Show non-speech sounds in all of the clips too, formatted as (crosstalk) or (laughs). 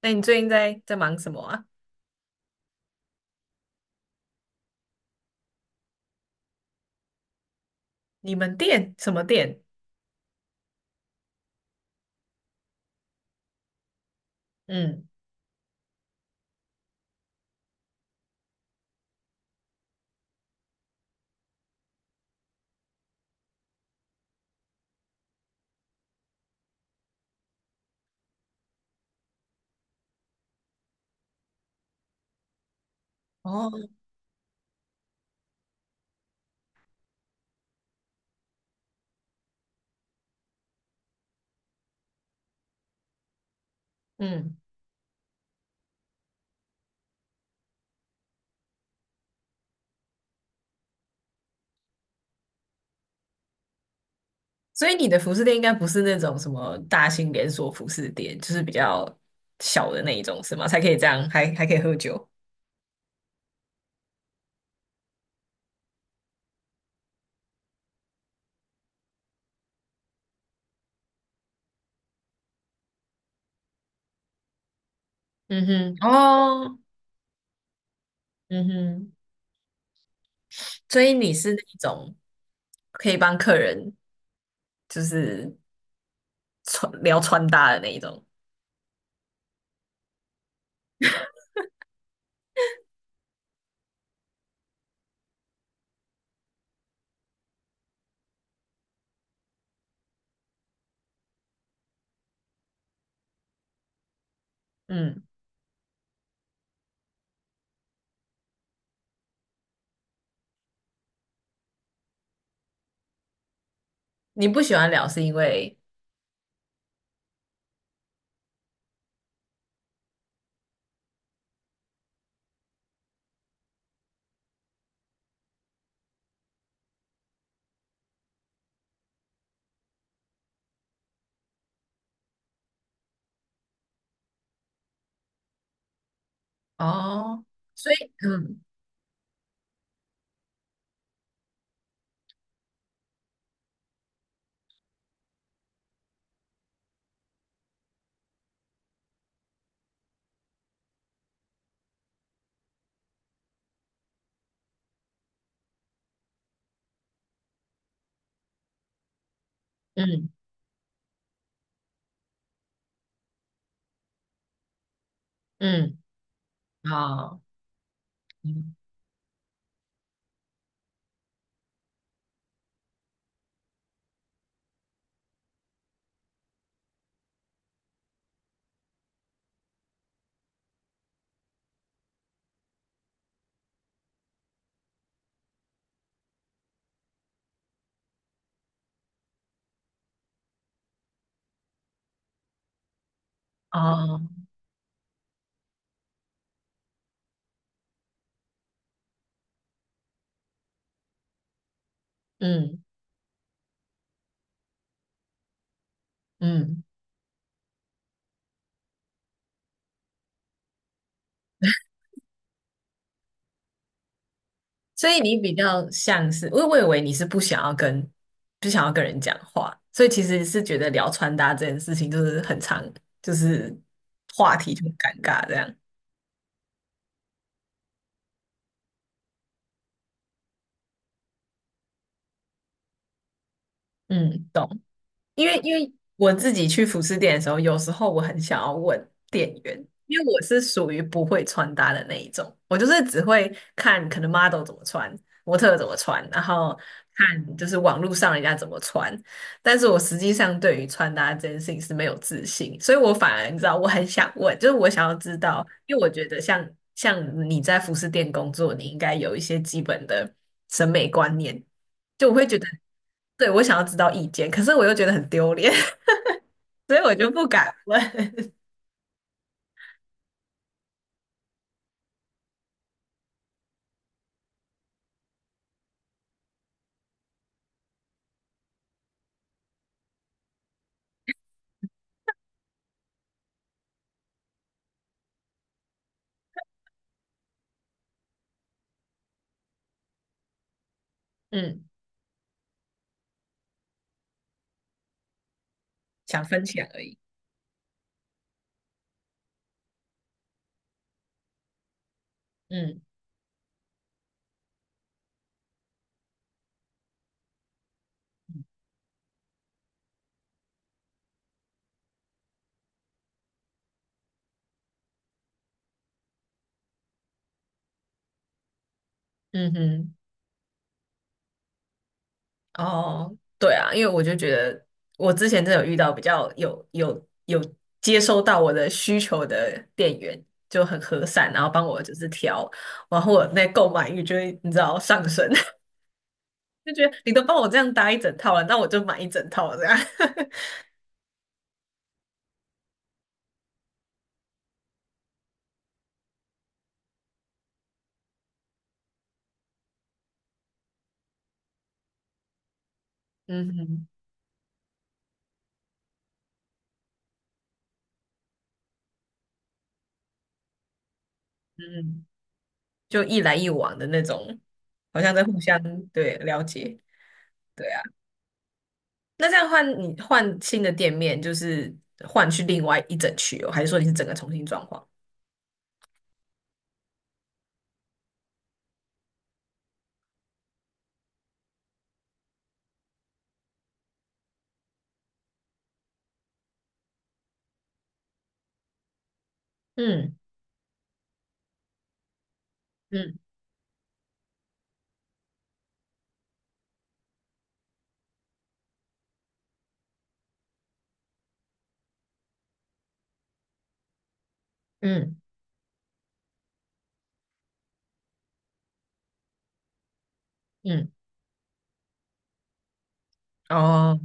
那你最近在忙什么啊？你们店什么店？嗯哦，嗯，所以你的服饰店应该不是那种什么大型连锁服饰店，就是比较小的那一种，是吗？才可以这样，还可以喝酒。嗯哼，哦，嗯哼，所以你是那一种可以帮客人就是穿搭的那一种。嗯，你不喜欢聊是因为哦，所以嗯嗯嗯，哦嗯哦嗯嗯。所以你比较像是，我以为你是不想要跟人讲话，所以其实是觉得聊穿搭这件事情就是很常，就是话题就很尴尬这样。嗯，懂。因为我自己去服饰店的时候，有时候我很想要问店员，因为我是属于不会穿搭的那一种，我就是只会看可能 model 怎么穿，模特怎么穿，然后看就是网络上人家怎么穿，但是我实际上对于穿搭这件事情是没有自信，所以我反而你知道我很想问，就是我想要知道，因为我觉得像你在服饰店工作，你应该有一些基本的审美观念。就我会觉得，对，我想要知道意见，可是我又觉得很丢脸，(laughs) 所以我就不敢问。(laughs) 嗯，想分享而已。嗯嗯哼，哦，对啊，因为我就觉得我之前真的有遇到比较有接收到我的需求的店员就很和善，然后帮我就是挑，然后我那购买欲就会你知道上升，(laughs) 就觉得你都帮我这样搭一整套了，那我就买一整套这样。(laughs) 嗯哼嗯哼就一来一往的那种，好像在互相对了解。对啊，那这样换你换新的店面，就是换去另外一整区哦，还是说你是整个重新装潢？嗯嗯嗯嗯，哦，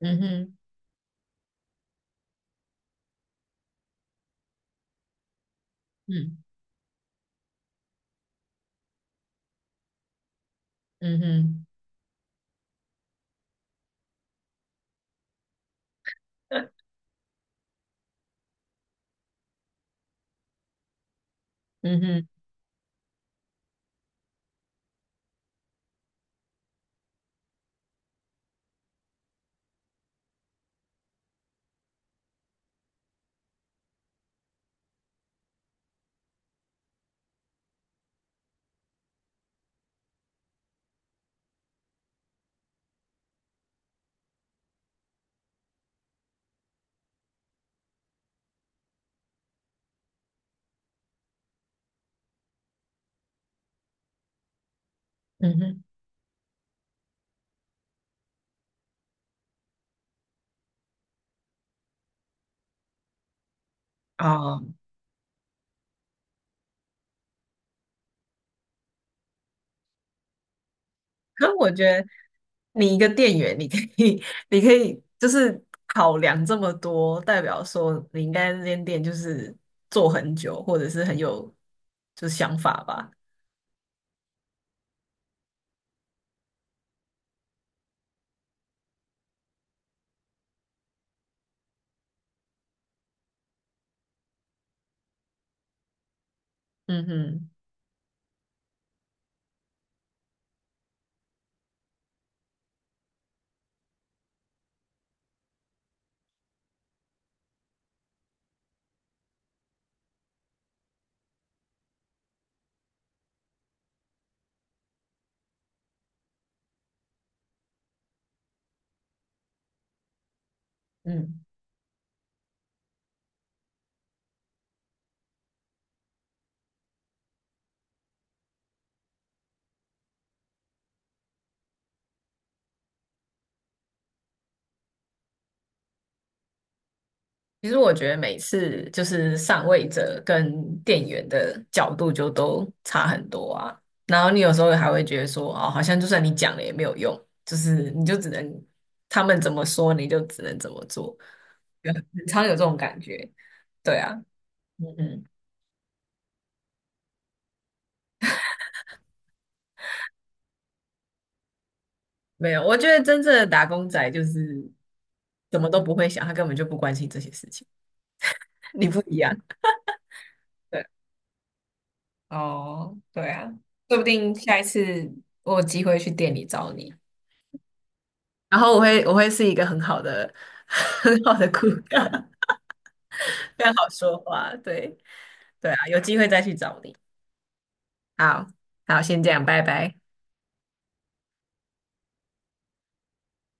嗯哼，嗯嗯哼，(laughs) 嗯哼，嗯哼，哦，可我觉得你一个店员，你可以，(laughs) 你可以就是考量这么多，代表说你应该那间店就是做很久，或者是很有就是想法吧。嗯哼，嗯，其实我觉得每次就是上位者跟店员的角度就都差很多啊。然后你有时候还会觉得说，哦，好像就算你讲了也没有用，就是你就只能他们怎么说你就只能怎么做，有很常有这种感觉。对啊，嗯嗯，没有，我觉得真正的打工仔就是什么都不会想，他根本就不关心这些事情。(laughs) 你不一样，对。哦，对啊，说不定下一次我有机会去店里找你。然后我会是一个很好的 (laughs) 很好的顾客，非常好说话，对对啊，有机会再去找你。好，好，先这样，拜拜。